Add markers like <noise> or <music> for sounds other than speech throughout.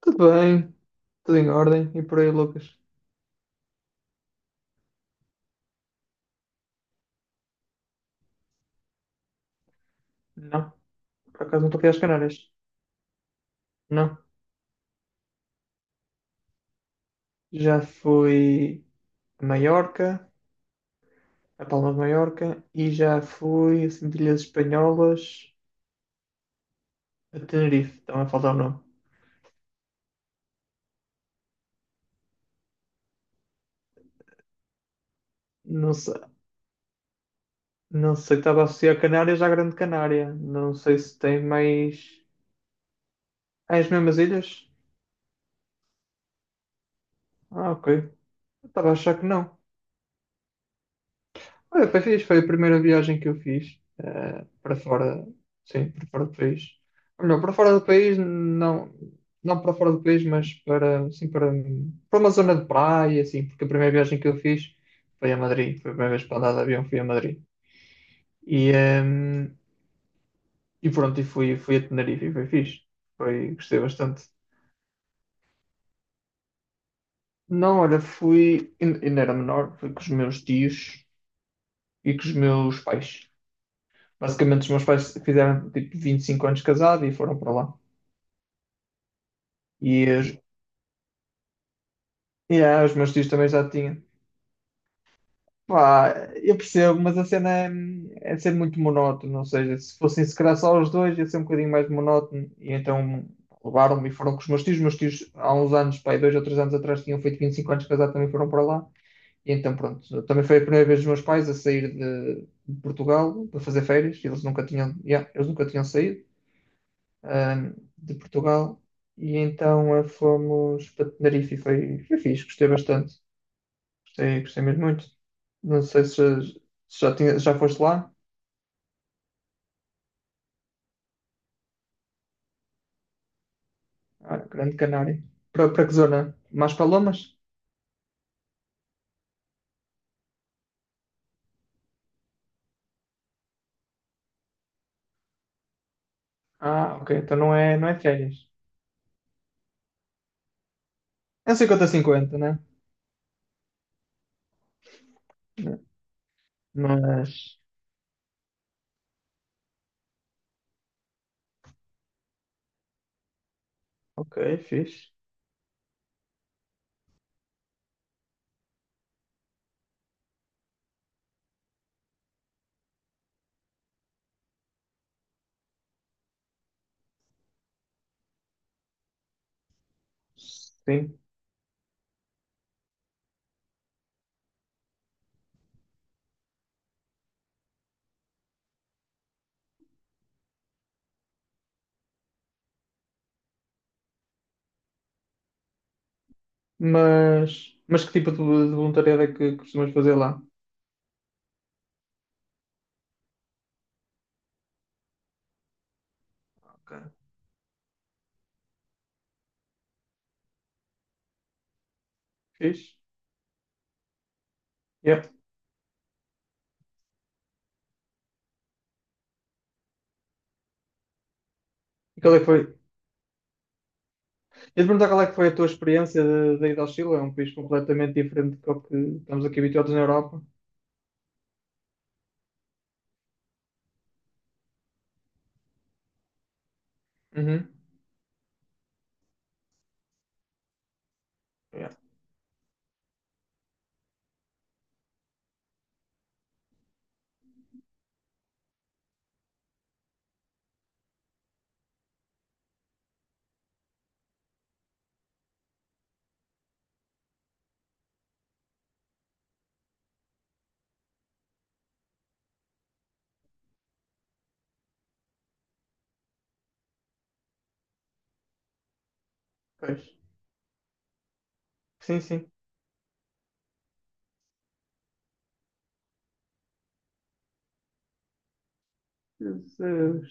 Tudo bem, tudo em ordem. E por aí, Lucas? Não, por acaso não estou aqui às Canárias. Não. Já fui a Maiorca, a Palma de Maiorca, e já fui a Ilhas Espanholas, a Tenerife. Então é falta o nome. Não sei, não sei, estava a associar Canárias à Grande Canária. Não sei se tem mais. Ah, as mesmas ilhas? Ah, ok. Estava a achar que não. Olha, foi fixe, foi a primeira viagem que eu fiz para fora, sim, para fora do país. Ou melhor, para fora do país, não, não para fora do país, mas para, sim, para, para uma zona de praia, assim, porque a primeira viagem que eu fiz foi a Madrid, foi a primeira vez para andar de avião, fui a Madrid. E, ehm, e pronto, e fui, fui a Tenerife e foi fixe, foi, gostei bastante. Não, olha, fui, ainda era menor, fui com os meus tios e com os meus pais. Basicamente, os meus pais fizeram tipo 25 anos casados e foram para lá. E, os- e os meus tios também já tinham. Pá, eu percebo, mas a cena é, é ser muito monótono. Ou seja, se fossem se calhar só os dois, ia ser um bocadinho mais monótono. E então levaram-me e foram com os meus tios. Os meus tios, há uns anos, pá, aí dois ou três anos atrás, tinham feito 25 anos casados, também foram para lá. E então, pronto, também foi a primeira vez dos meus pais a sair de Portugal para fazer férias. E eles nunca tinham, yeah, eles nunca tinham saído. De Portugal e então fomos para Tenerife e foi, foi fixe, gostei bastante, gostei, gostei mesmo muito. Não sei se já, se já, tinha, já foste lá, ah, Grande Canária. Para, para que zona? Mais para Lomas? Ah, ok, então não é, não é férias. É um cinquenta a cinquenta, né? Mas, ok, fixe. Sim. Mas que tipo de voluntariado é que costumas fazer lá? Ok, fixe. Yep. E qual é que foi? Eu te perguntar qual é que foi a tua experiência de ir ao Chile, é um país completamente diferente do que estamos aqui habituados na Europa. Uhum. Yeah, pois. Sim, sim. Jesus.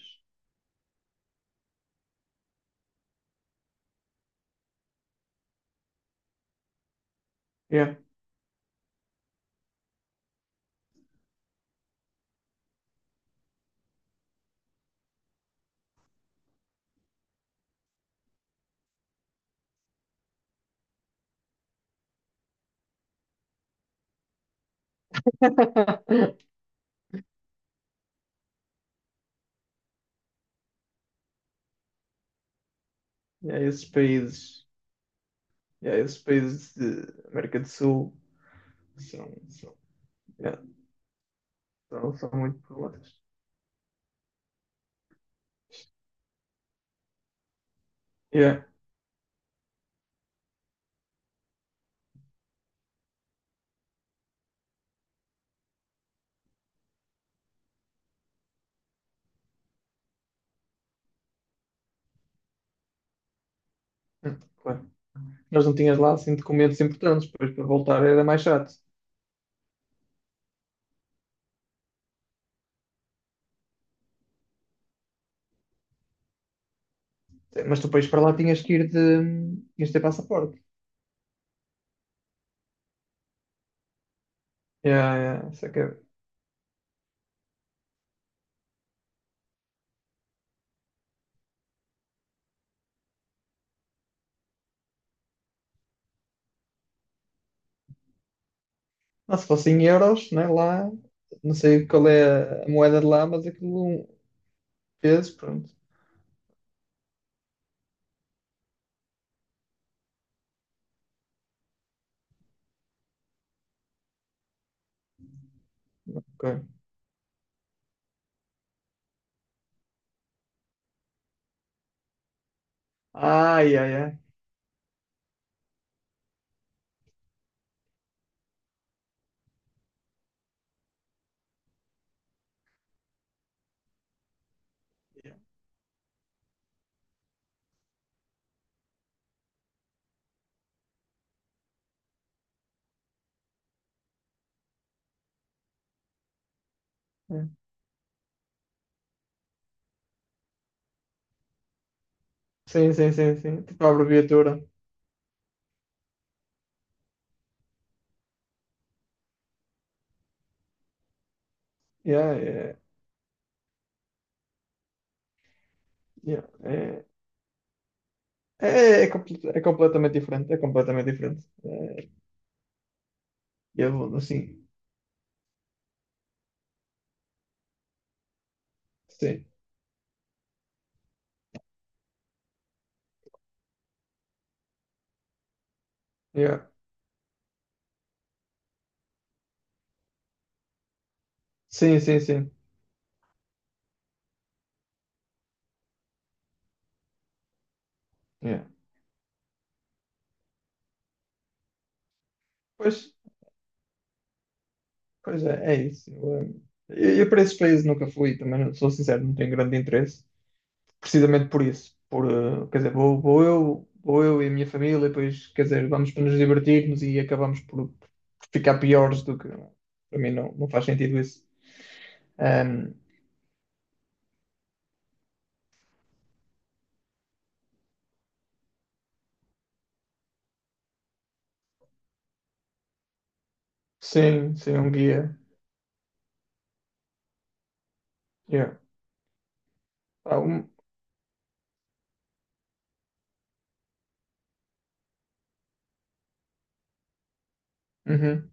Yeah. Yeah, esses países, yeah, esses países de América do Sul são, são, yeah, são, são muito problemáticos. Yeah. Claro. Nós não tínhamos lá assim documentos importantes, depois para voltar era mais chato. Mas tu país para lá tinhas que ir de. Tinhas de ter passaporte. Yeah, yeah, isso é que é. Não, se fosse em euros, né, lá, não sei qual é a moeda de lá, mas aquilo um peso, pronto. Ok. Ai, ai, ai. É. Sim, sim, sim, sim. Tipo a abreviatura. Yeah, yeah, yeah. É, é, é completamente diferente. É completamente diferente. É, eu vou assim. Sim. Yeah. Sim, sim, sim. Yeah. Pois, pois é, é isso. Eu para esses países nunca fui, também não- sou sincero, não tenho grande interesse. Precisamente por isso. Por, quer dizer, vou, vou eu e a minha família, e depois, quer dizer, vamos para nos divertirmos e acabamos por ficar piores do que. Para mim não, não faz sentido isso. Ahm, sim, sim, um guia. Yeah. Ah, um, uhum,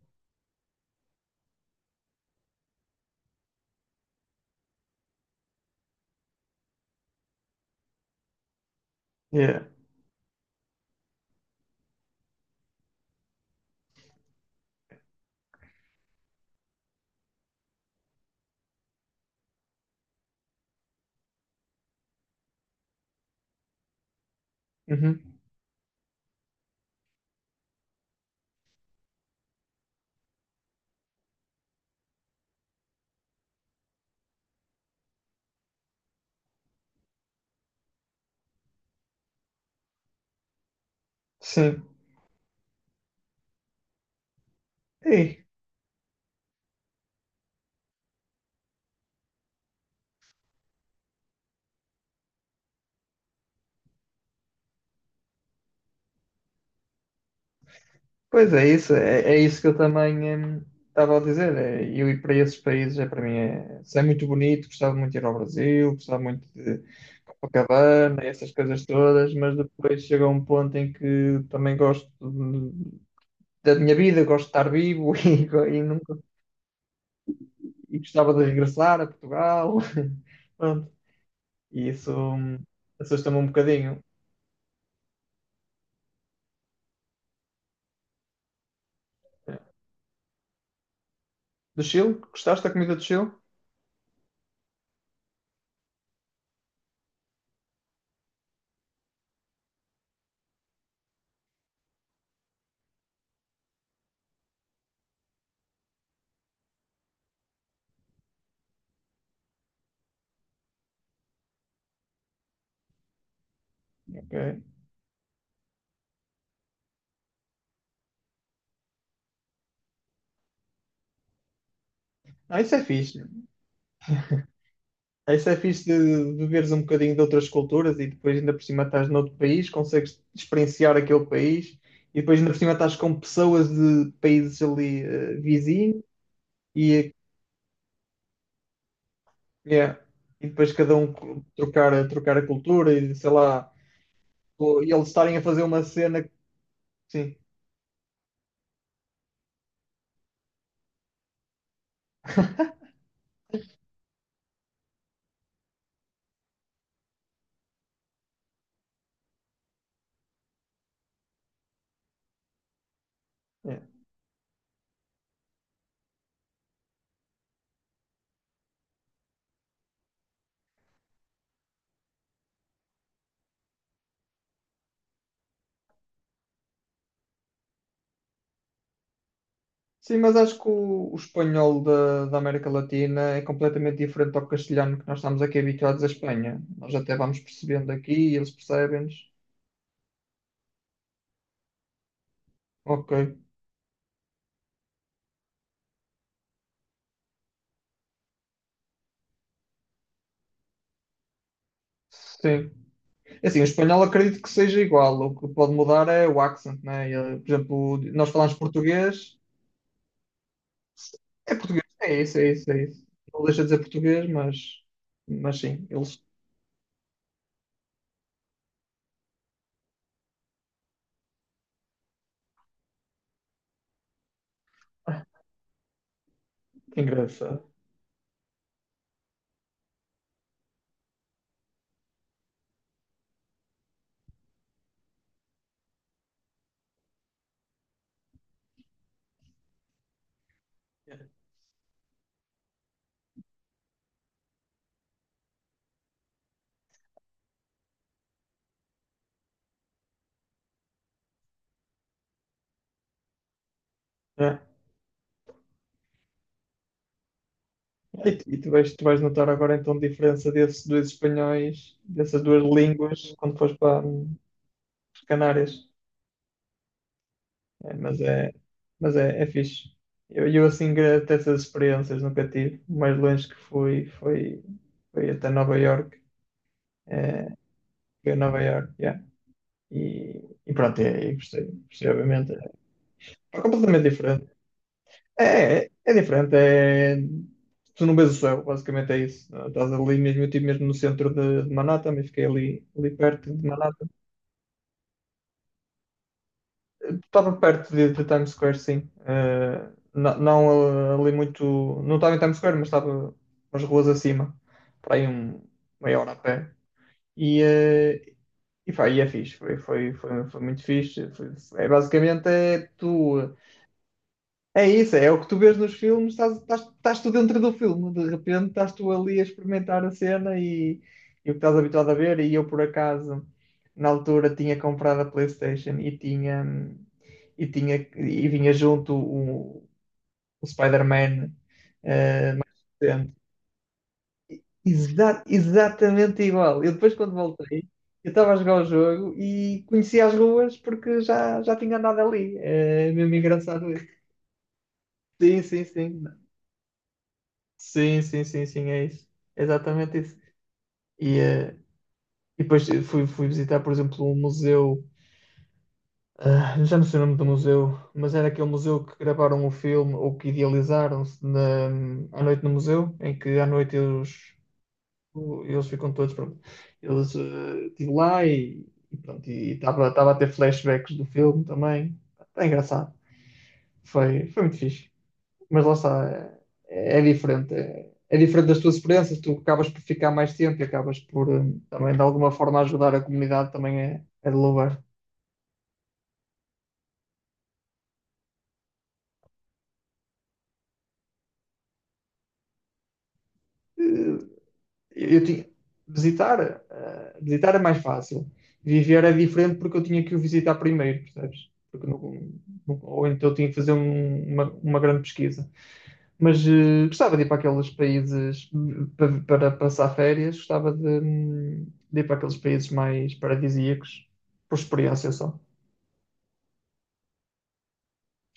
yeah, uhum, sim. Ei, pois é isso, é isso que eu também estava a dizer. É, eu ir para esses países é para mim é, se é muito bonito, gostava muito de ir ao Brasil, gostava muito de ao Cavani, essas coisas todas, mas depois chega um ponto em que também gosto de- da minha vida, gosto de estar vivo <laughs> e, go- e, nunca, e gostava de regressar a Portugal. <laughs> Pronto, e isso assusta-me um bocadinho. Do Chile? Gostaste da comida do Chile? Ok. Ah, isso é fixe. Ah, isso é fixe de veres um bocadinho de outras culturas e depois ainda por cima estás noutro país, consegues experienciar aquele país e depois ainda por cima estás com pessoas de países ali vizinhos e yeah. E depois cada um co- trocar, a trocar a cultura e sei lá, ou- e eles estarem a fazer uma cena. Que- Sim, yeah. Sim, mas acho que o espanhol da, da América Latina é completamente diferente ao castelhano que nós estamos aqui habituados à Espanha. Nós até vamos percebendo aqui e eles percebem-nos. Ok, sim. É assim, o espanhol acredito que seja igual. O que pode mudar é o accent, né? E, por exemplo, nós falamos português. É português, é isso, é isso, é isso. Não deixa de dizer português, mas sim, eles. Que engraçado. É. E tu vais notar agora então a diferença desses dois espanhóis, dessas duas línguas, quando fores para as Canárias. É, mas é, mas é, é fixe. Eu assim grato essas experiências, nunca tive. O mais longe que fui foi, foi até Nova York. É, foi a Nova York, yeah. E, e pronto, é, e gostei, gostei, obviamente. É completamente diferente. É, é, é diferente, é tu não vês o céu, basicamente é isso. Estás ali mesmo, eu estive mesmo no centro de Manhattan, mas fiquei ali, ali perto de Manhattan. Estava perto de Times Square, sim. Não, ali muito, não estava em Times Square, mas estava umas ruas acima, para aí um, meia hora a pé. E, eh, e, pá, e é fixe, foi, foi, foi, foi muito fixe. Foi- é, basicamente é tu. É isso, é o que tu vês nos filmes, estás, estás, estás tu dentro do filme, de repente estás tu ali a experimentar a cena e o que estás habituado a ver. E eu, por acaso, na altura tinha comprado a PlayStation e tinha e, tinha, e vinha junto o Spider-Man. eh, Exa- exatamente igual. Eu depois, quando voltei, eu estava a jogar o jogo e conhecia as ruas porque já, já tinha andado ali. É mesmo engraçado isso. Sim, sim, sim. Sim, sim, sim, sim, é isso. É exatamente isso. E, eh, e depois fui, fui visitar, por exemplo, um museu, ah, já não sei o nome do museu, mas era aquele museu que gravaram o filme ou que idealizaram-se na, à noite no museu, em que à noite eles, o- eles ficam todos, pronto. Eles estive lá e pronto, e estava estava a ter flashbacks do filme também. É engraçado. Foi, foi muito fixe. Mas lá está, é, é diferente. É, é diferente das tuas experiências, tu acabas por ficar mais tempo e acabas por também de alguma forma ajudar a comunidade, também é, é de louvar. Eh, eu tinha, visitar, visitar é mais fácil. Viver é diferente porque eu tinha que o visitar primeiro, percebes? Porque não- não- ou então eu tinha que fazer um- uma grande pesquisa. Mas gostava de ir para aqueles países para, para passar férias, gostava de ir para aqueles países mais paradisíacos, por experiência só.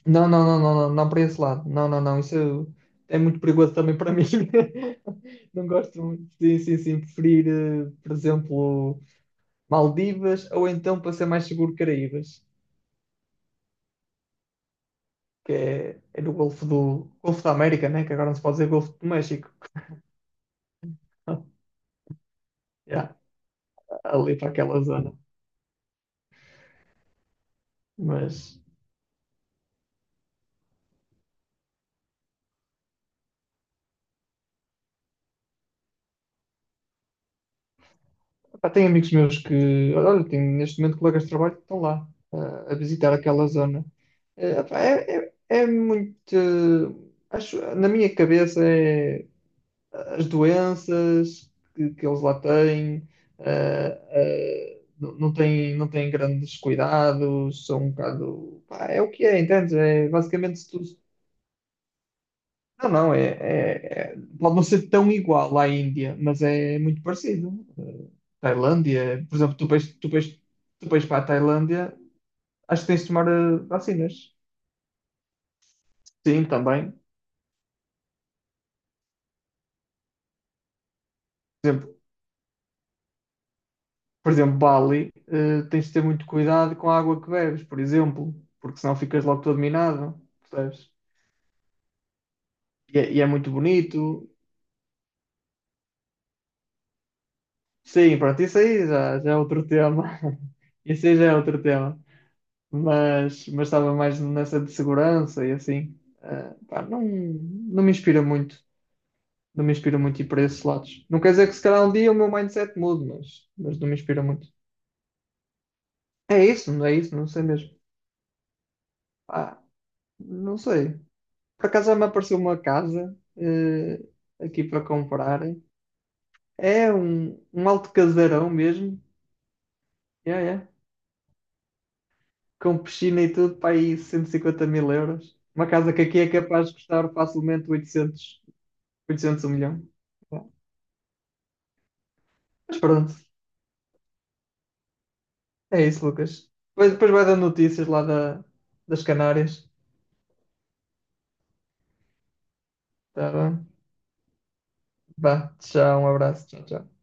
Não, não, não, não, não, não para esse lado. Não, não, não, isso é muito perigoso também para mim. <laughs> Não gosto muito. Sim, sim, sim, preferir, por exemplo. Maldivas, ou então, para ser mais seguro, Caraíbas, que é, é no Golfo do Golfo da América, né? Que agora não se pode dizer Golfo do México. <laughs> Yeah, ali para aquela zona. Mas pá, tenho amigos meus que, olha, tenho neste momento colegas de trabalho que estão lá a visitar aquela zona. Pá, é, é, é muito. Acho, na minha cabeça é as doenças que eles lá têm, eh, não não têm, não têm grandes cuidados, são um bocado. Pá, é o que é, entendes? É basicamente se tu. Não, não, é, é- é- pode não ser tão igual à Índia, mas é muito parecido. Tailândia, por exemplo, tu vais, tu vais, tu vais para a Tailândia, acho que tens de tomar vacinas. Sim, também por exemplo, Bali, tens de ter muito cuidado com a água que bebes, por exemplo, porque senão ficas logo todo minado, percebes? E é muito bonito. Sim, pronto, isso aí já, já é outro tema. <laughs> Isso aí já é outro tema. Mas estava mais nessa de segurança e assim. Pá, não, não me inspira muito. Não me inspira muito ir para esses lados. Não quer dizer que se calhar um dia o meu mindset mude, mas não me inspira muito. É isso, não sei mesmo. Ah, não sei. Por acaso já me apareceu uma casa aqui para comprar. É um, um alto casarão mesmo. Yeah, yeah. Com piscina e tudo, para aí 150 mil euros. Uma casa que aqui é capaz de custar facilmente 800, 800 um milhão. Yeah. Mas pronto, é isso, Lucas. Depois, depois vai dar notícias lá da, das Canárias. Tá bem? Vá, tchau, um abraço. Tchau, tchau.